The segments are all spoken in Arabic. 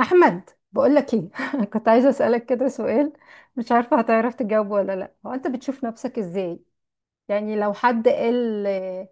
احمد بقول لك ايه كنت عايزه اسالك كده سؤال. مش عارفه هتعرف تجاوب ولا لا، هو انت بتشوف نفسك ازاي؟ يعني لو حد قال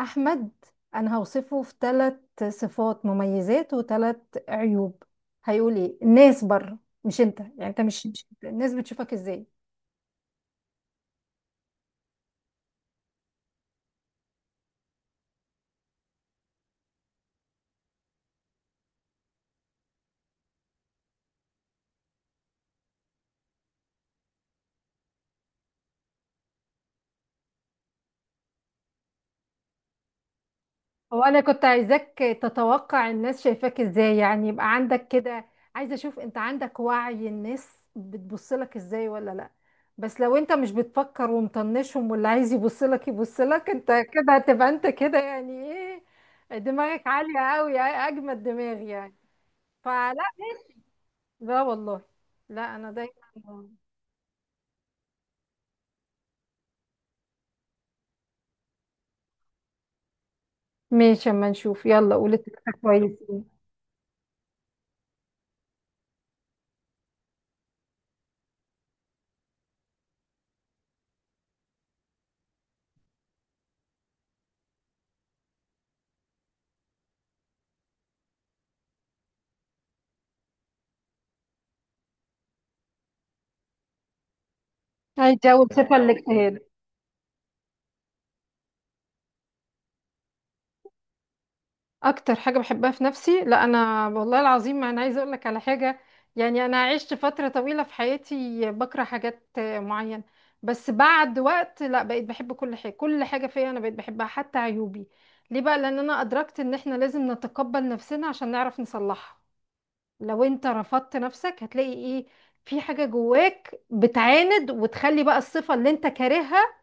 احمد، انا هوصفه في ثلاث صفات مميزات وثلاث عيوب، هيقول ايه؟ الناس بره، مش انت، يعني انت انت. الناس بتشوفك ازاي؟ هو انا كنت عايزاك تتوقع الناس شايفاك ازاي، يعني يبقى عندك كده، عايزه اشوف انت عندك وعي الناس بتبص لك ازاي ولا لا. بس لو انت مش بتفكر ومطنشهم واللي عايز يبص لك يبص لك، انت كده هتبقى انت كده يعني. ايه، دماغك عاليه قوي، اجمد دماغ يعني. فلا، لا والله. لا انا دايما. ماشي، اما نشوف، يلا قولي ثلاثه كويسين. هيجاوب صفه الاجتهاد. اكتر حاجه بحبها في نفسي، لا انا والله العظيم ما انا عايزه اقول لك على حاجه. يعني انا عشت فتره طويله في حياتي بكره حاجات معينه، بس بعد وقت لا، بقيت بحب كل حاجه، كل حاجه فيا انا بقيت بحبها حتى عيوبي. ليه بقى؟ لان انا ادركت ان احنا لازم نتقبل نفسنا عشان نعرف نصلحها. لو انت رفضت نفسك هتلاقي ايه؟ في حاجه جواك بتعاند وتخلي بقى الصفه اللي انت كارهها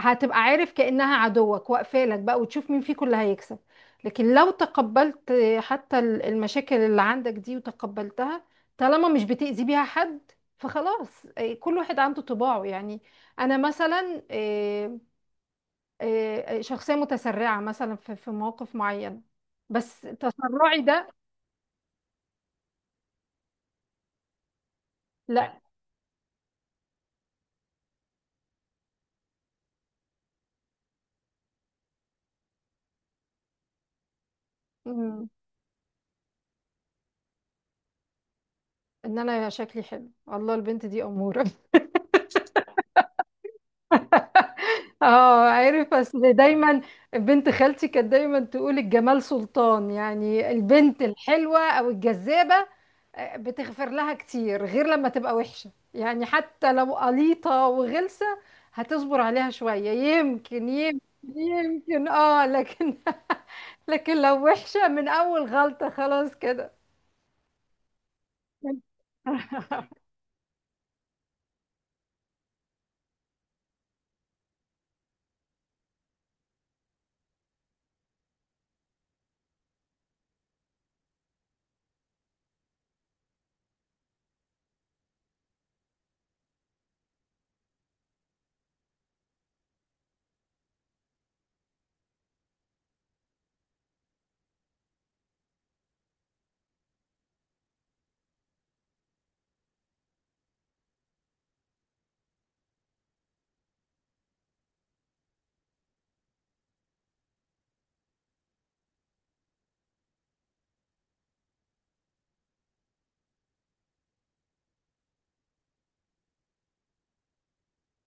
هتبقى عارف كأنها عدوك، واقفة لك بقى وتشوف مين فيكم اللي هيكسب. لكن لو تقبلت حتى المشاكل اللي عندك دي وتقبلتها، طالما مش بتأذي بيها حد فخلاص. كل واحد عنده طباعه يعني. انا مثلا إيه، إيه، شخصية متسرعة مثلا في مواقف معينة. بس تسرعي ده. لا. مم، ان انا شكلي حلو، الله البنت دي أمورة. اه عارف، اصل دايما بنت خالتي كانت دايما تقول الجمال سلطان، يعني البنت الحلوة او الجذابة بتغفر لها كتير، غير لما تبقى وحشة، يعني حتى لو قليطة وغلسة هتصبر عليها شوية، يمكن يمكن. يمكن اه، لكن لكن لو وحشة من اول غلطة خلاص كده.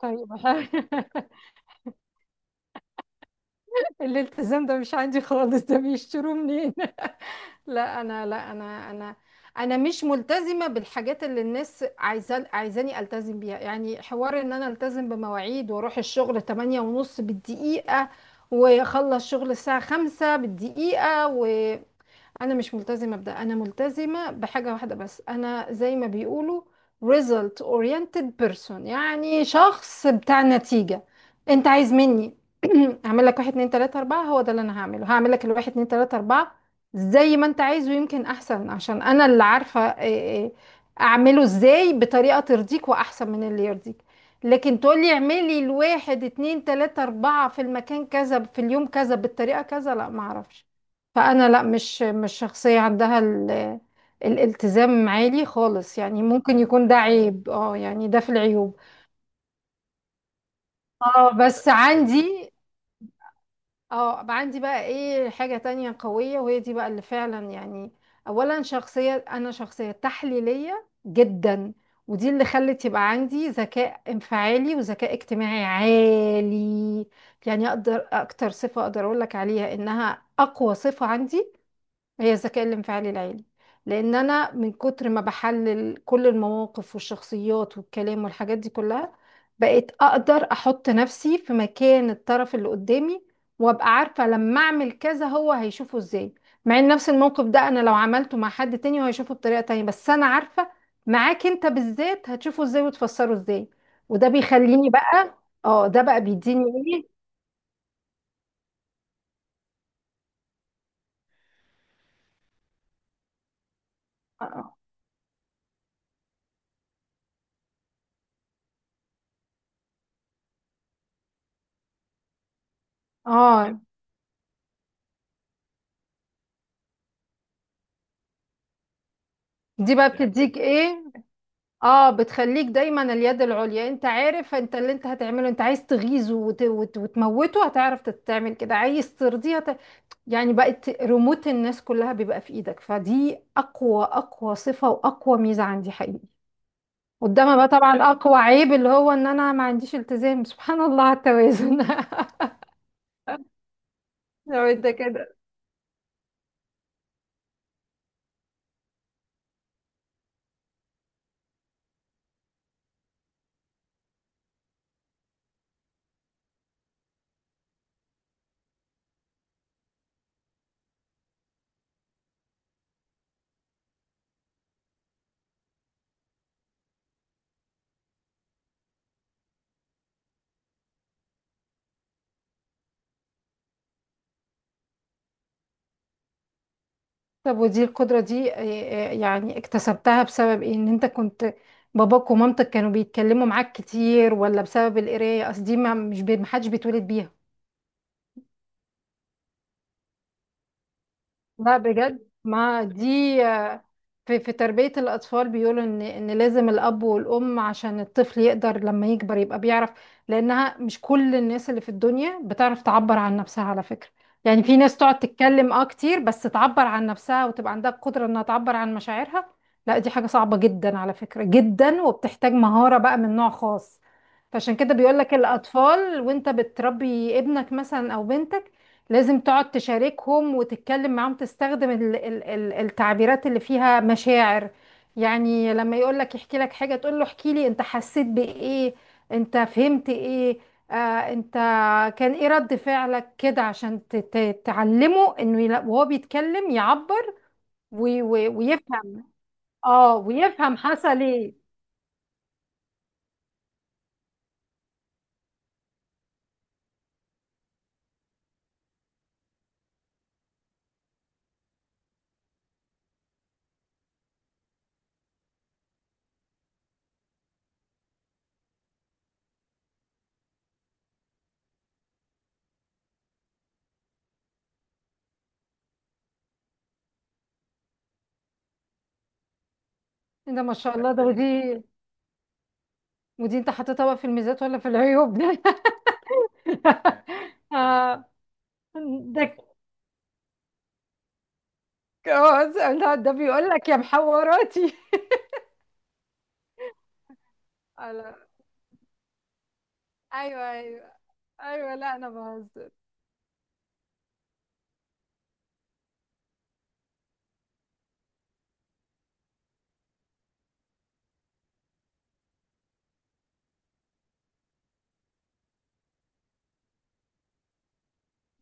طيب الالتزام ده مش عندي خالص، ده بيشتروه منين؟ لا انا مش ملتزمه بالحاجات اللي الناس عايزه عايزاني التزم بيها، يعني حوار ان انا التزم بمواعيد واروح الشغل 8 ونص بالدقيقه واخلص شغل الساعه 5 بالدقيقه. انا مش ملتزمه بده، انا ملتزمه بحاجه واحده بس، انا زي ما بيقولوا result oriented person، يعني شخص بتاع نتيجه. انت عايز مني اعمل لك واحد اتنين تلاته اربعه، هو ده اللي انا هعمله، هعمل لك الواحد اتنين تلاته اربعه زي ما انت عايزه، يمكن احسن، عشان انا اللي عارفه إيه اعمله ازاي بطريقه ترضيك واحسن من اللي يرضيك. لكن تقولي اعملي الواحد اتنين تلاته اربعه في المكان كذا في اليوم كذا بالطريقه كذا، لا معرفش. فانا لا، مش شخصيه عندها الالتزام عالي خالص، يعني ممكن يكون ده عيب، اه يعني ده في العيوب. اه بس عندي، اه عندي بقى ايه حاجه تانية قويه، وهي دي بقى اللي فعلا يعني. اولا شخصيه، انا شخصيه تحليليه جدا، ودي اللي خلت يبقى عندي ذكاء انفعالي وذكاء اجتماعي عالي. يعني اقدر، اكتر صفه اقدر اقول لك عليها انها اقوى صفه عندي، هي الذكاء الانفعالي العالي. لان انا من كتر ما بحلل كل المواقف والشخصيات والكلام والحاجات دي كلها، بقيت اقدر احط نفسي في مكان الطرف اللي قدامي، وابقى عارفة لما اعمل كذا هو هيشوفه ازاي. مع ان نفس الموقف ده انا لو عملته مع حد تاني هو هيشوفه بطريقة تانية، بس انا عارفة معاك انت بالذات هتشوفه ازاي وتفسره ازاي. وده بيخليني بقى. اه ده بقى بيديني ايه. اه آه، آه، دي بقى بتديك ايه. اه، بتخليك دايما اليد العليا، انت عارف انت اللي انت هتعمله، انت عايز تغيظه وتموته هتعرف تعمل كده، عايز ترضيه هت... يعني بقت ريموت الناس كلها بيبقى في ايدك، فدي اقوى صفة واقوى ميزة عندي حقيقي. قدامها بقى طبعا اقوى عيب اللي هو ان انا ما عنديش التزام، سبحان الله على التوازن لو انت كده. طب ودي القدرة دي يعني اكتسبتها بسبب ايه؟ ان انت كنت باباك ومامتك كانوا بيتكلموا معاك كتير، ولا بسبب القراية؟ قصدي ما مش محدش بيتولد بيها. لا بجد ما دي في في تربية الأطفال بيقولوا إن لازم الأب والأم عشان الطفل يقدر لما يكبر يبقى بيعرف. لأنها مش كل الناس اللي في الدنيا بتعرف تعبر عن نفسها على فكرة. يعني في ناس تقعد تتكلم أه كتير بس تعبر عن نفسها وتبقى عندها القدرة إنها تعبر عن مشاعرها، لا دي حاجة صعبة جدا على فكرة، جدا، وبتحتاج مهارة بقى من نوع خاص. فعشان كده بيقولك الأطفال وأنت بتربي ابنك مثلا أو بنتك لازم تقعد تشاركهم وتتكلم معاهم، تستخدم التعبيرات اللي فيها مشاعر. يعني لما يقول لك يحكي لك حاجة تقول له احكي لي، انت حسيت بإيه؟ انت فهمت إيه؟ آه، انت، كان ايه رد فعلك كده، عشان تعلمه انه وهو بيتكلم يعبر ويفهم. اه ويفهم حصل ايه. إيه ده، ما شاء الله، ده ودي، انت حطيتها بقى في الميزات ولا في العيوب؟ ده آه ده جواز. لا، ده بيقول لك يا محوراتي على ايوه ايوه، ايوه لا انا بهزر.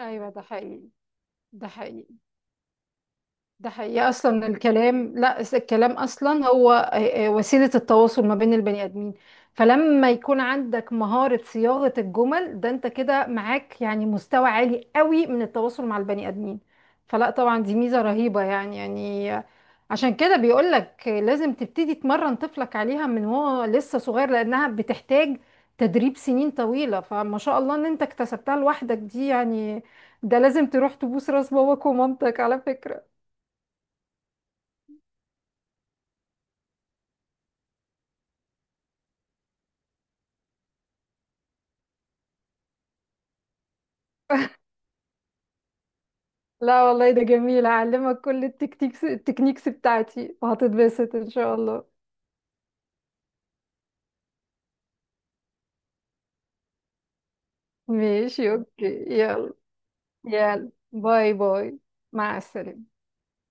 ايوه ده حقيقي، ده حقيقي. ده حقيقة، أصلا الكلام، لا الكلام أصلا هو وسيلة التواصل ما بين البني آدمين. فلما يكون عندك مهارة صياغة الجمل ده أنت كده معاك يعني مستوى عالي قوي من التواصل مع البني آدمين. فلا طبعا دي ميزة رهيبة يعني. عشان كده بيقولك لازم تبتدي تمرن طفلك عليها من هو لسه صغير، لأنها بتحتاج تدريب سنين طويلة. فما شاء الله إن أنت اكتسبتها لوحدك، دي يعني ده لازم تروح تبوس راس باباك ومامتك على فكرة. لا والله ده جميل، هعلمك كل التكنيكس بتاعتي وهتتبسط ان شاء الله. ماشي اوكي. يلا، يلا باي باي. مع السلامة.